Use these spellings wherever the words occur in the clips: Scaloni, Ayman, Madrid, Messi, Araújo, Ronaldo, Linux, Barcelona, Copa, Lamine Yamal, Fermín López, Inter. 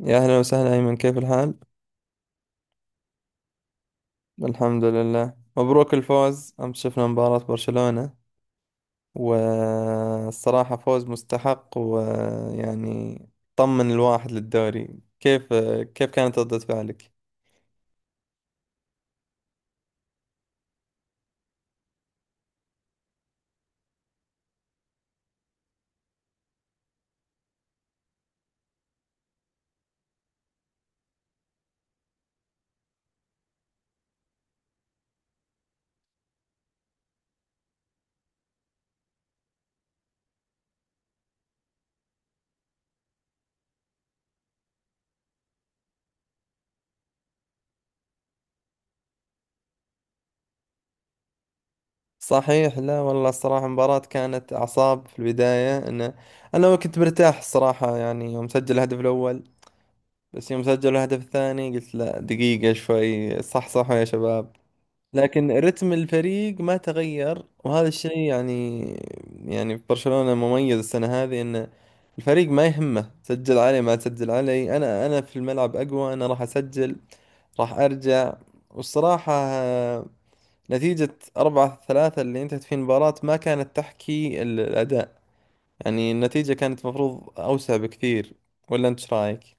يا أهلا وسهلا أيمن، كيف الحال؟ الحمد لله، مبروك الفوز أمس، شفنا مباراة برشلونة، والصراحة فوز مستحق ويعني طمن الواحد للدوري. كيف كانت ردة فعلك؟ صحيح. لا والله الصراحة المباراة كانت أعصاب في البداية. أنا كنت مرتاح الصراحة، يعني يوم سجل الهدف الأول بس يوم سجل الهدف الثاني قلت لا دقيقة شوي، صح صح يا شباب. لكن رتم الفريق ما تغير، وهذا الشيء يعني في برشلونة مميز السنة هذه، ان الفريق ما يهمه سجل علي ما سجل علي، انا في الملعب اقوى، انا راح اسجل راح ارجع. والصراحة نتيجة 4-3 اللي انتهت في المباراة ما كانت تحكي الأداء، يعني النتيجة كانت مفروض أوسع بكثير، ولا أنت إيش رأيك؟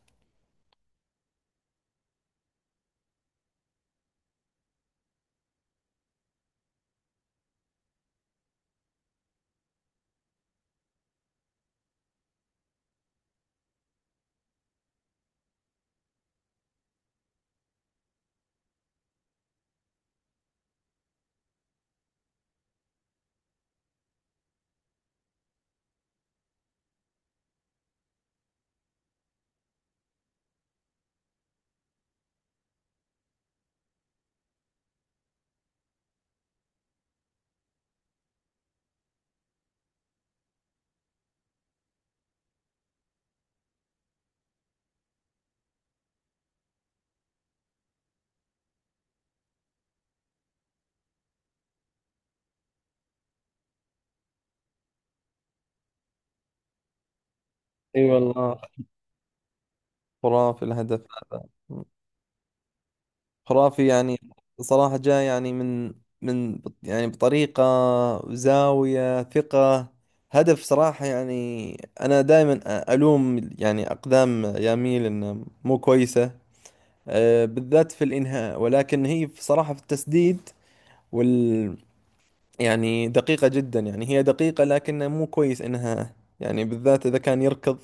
اي والله، خرافي الهدف هذا، خرافي يعني. صراحة جاء يعني يعني بطريقة، زاوية ثقة، هدف صراحة يعني. أنا دائما ألوم يعني أقدام ياميل إنها مو كويسة، بالذات في الإنهاء، ولكن هي صراحة في التسديد، وال يعني دقيقة جدا، يعني هي دقيقة لكنها مو كويس إنها، يعني بالذات إذا كان يركض،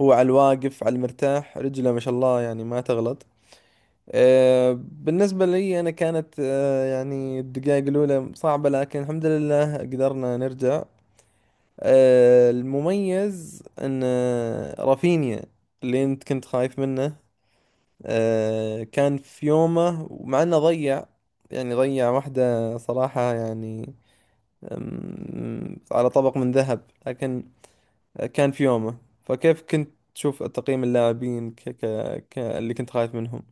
هو على الواقف على المرتاح رجله ما شاء الله يعني ما تغلط. بالنسبة لي أنا كانت يعني الدقائق الأولى صعبة، لكن الحمد لله قدرنا نرجع. المميز أن رافينيا اللي أنت كنت خايف منه كان في يومه، ومع أنه ضيع يعني ضيع واحدة صراحة يعني، على طبق من ذهب، لكن كان في يومه. فكيف كنت تشوف تقييم اللاعبين اللي كنت خايف منهم؟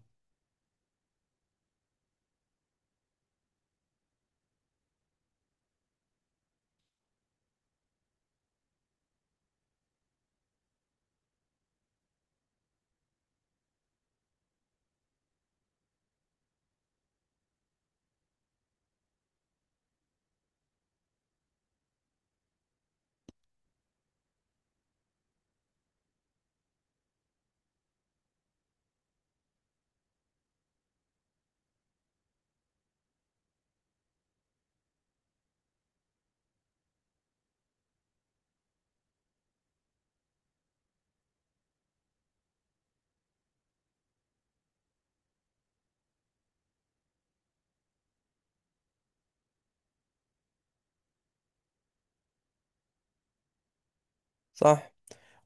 صح؟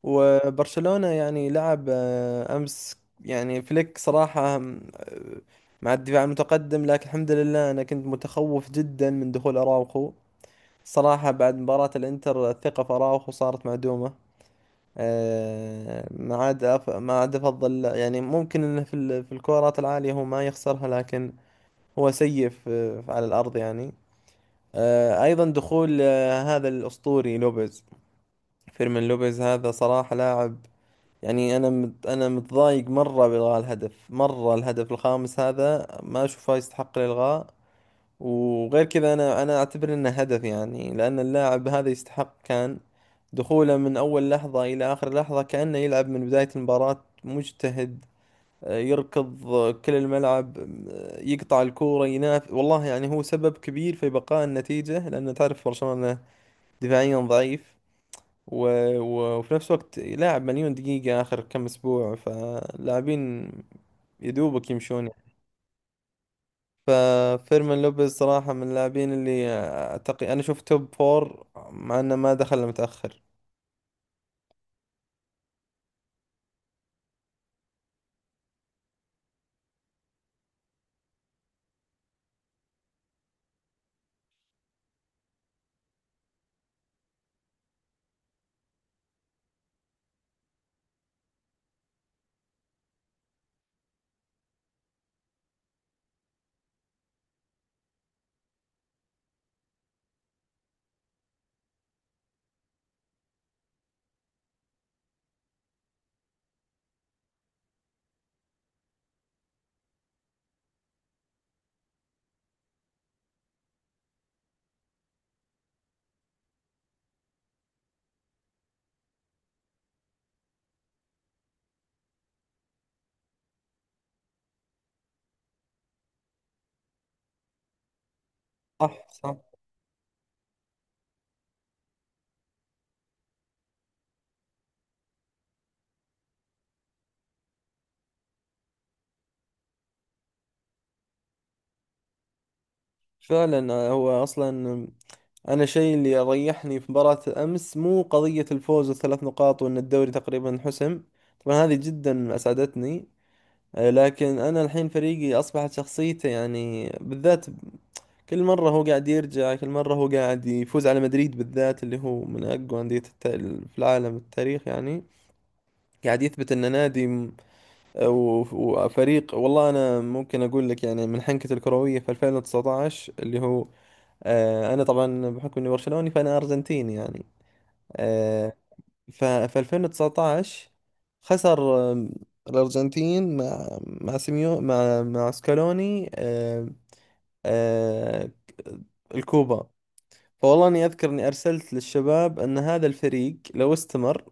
وبرشلونة يعني لعب أمس، يعني فليك صراحة آم، آه، مع الدفاع المتقدم، لكن الحمد لله أنا كنت متخوف جدا من دخول أراوخو، صراحة بعد مباراة الإنتر الثقة في أراوخو صارت معدومة. ما عاد أفضل، يعني ممكن إنه في في الكورات العالية هو ما يخسرها، لكن هو سيء على الأرض يعني. أيضا دخول هذا الأسطوري لوبيز، فيرمين لوبيز هذا صراحة لاعب، يعني انا متضايق مره بالغاء الهدف، مره الهدف الخامس هذا ما اشوفه يستحق الالغاء، وغير كذا انا اعتبر انه هدف، يعني لان اللاعب هذا يستحق، كان دخوله من اول لحظه الى اخر لحظه كانه يلعب من بدايه المباراه، مجتهد، يركض كل الملعب يقطع الكوره ينافس، والله يعني هو سبب كبير في بقاء النتيجه، لان تعرف برشلونه دفاعيا ضعيف. و... وفي نفس الوقت لاعب مليون دقيقة آخر كم أسبوع، فلاعبين يدوبك يمشون يعني. ففيرمين لوبيز صراحة من اللاعبين اللي أعتقد أنا شفت توب فور، مع إنه ما دخل إلا متأخر. صح صح. فعلا هو أصلا، أنا شيء اللي ريحني في مباراة أمس مو قضية الفوز والثلاث نقاط وإن الدوري تقريبا انحسم، طبعا هذه جدا أسعدتني. لكن أنا الحين فريقي أصبحت شخصيته، يعني بالذات كل مرة هو قاعد يرجع، كل مرة هو قاعد يفوز على مدريد، بالذات اللي هو من أقوى أندية في العالم التاريخ يعني، قاعد يثبت أنه وفريق. والله أنا ممكن أقول لك يعني من حنكة الكروية في 2019، اللي هو أنا طبعا بحكم إني برشلوني فأنا أرجنتيني يعني. آه، ففي 2019 خسر الأرجنتين مع سيميو مع سكالوني آه، الكوبا. فوالله اني اذكر اني ارسلت للشباب ان هذا الفريق لو استمر،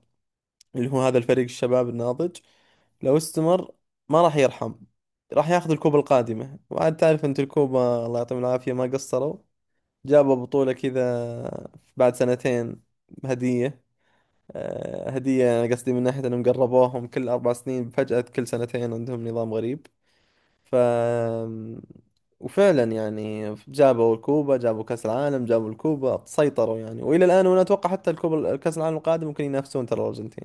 اللي هو هذا الفريق الشباب الناضج، لو استمر ما راح يرحم، راح ياخذ الكوبا القادمة. وعاد تعرف انت الكوبا، الله يعطيهم العافية ما قصروا، جابوا بطولة كذا بعد 2 سنين هدية. هدية، أنا قصدي من ناحية أنهم قربوهم، كل 4 سنين فجأة كل 2 سنين، عندهم نظام غريب. ف وفعلا يعني جابوا الكوبا، جابوا كأس العالم، جابوا الكوبا، سيطروا يعني والى الان، وانا اتوقع حتى الكوبا كأس العالم القادم ممكن ينافسون ترى الارجنتين،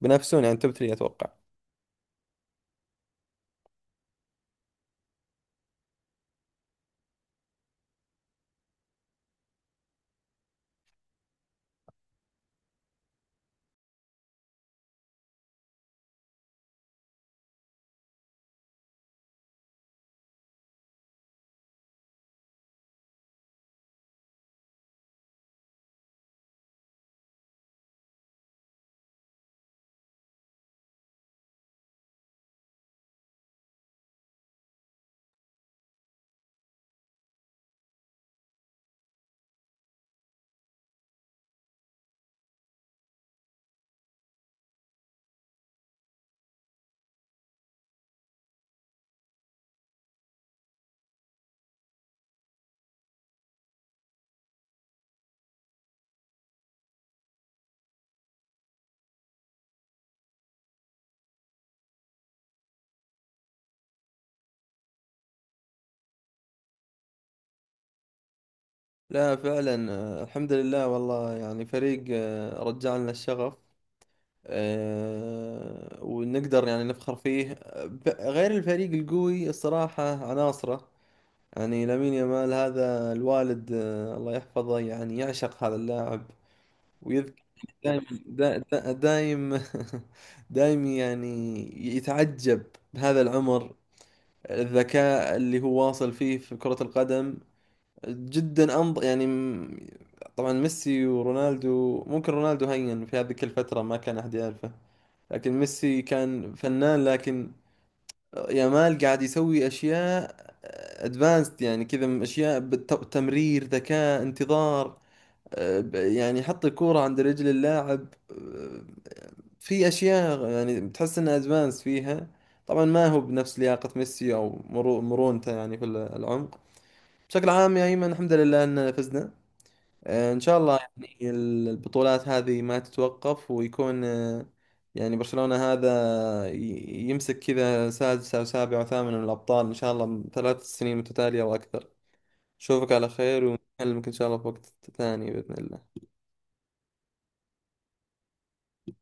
بينافسون يعني توب 3 اتوقع. لا فعلا، الحمد لله، والله يعني فريق رجع لنا الشغف، ونقدر يعني نفخر فيه، غير الفريق القوي الصراحة عناصره، يعني لامين يامال هذا، الوالد الله يحفظه يعني يعشق هذا اللاعب، ويذكر دايم دايم، يعني يتعجب بهذا العمر الذكاء اللي هو واصل فيه في كرة القدم، جدا طبعا ميسي ورونالدو، ممكن رونالدو هين في هذيك الفترة ما كان أحد يعرفه، لكن ميسي كان فنان، لكن يامال قاعد يسوي أشياء ادفانسد، يعني كذا أشياء بالتمرير، ذكاء، انتظار، يعني حط الكورة عند رجل اللاعب، في اشياء يعني بتحس انها ادفانس فيها. طبعا ما هو بنفس لياقة ميسي او مرونته يعني في العمق. بشكل عام يا ايمن، الحمد لله اننا فزنا، ان شاء الله يعني البطولات هذه ما تتوقف، ويكون يعني برشلونة هذا يمسك كذا سادس او سابع او ثامن من الابطال، ان شاء الله 3 سنين متتالية واكثر. اشوفك على خير، ونكلمك ان شاء الله في وقت ثاني باذن الله.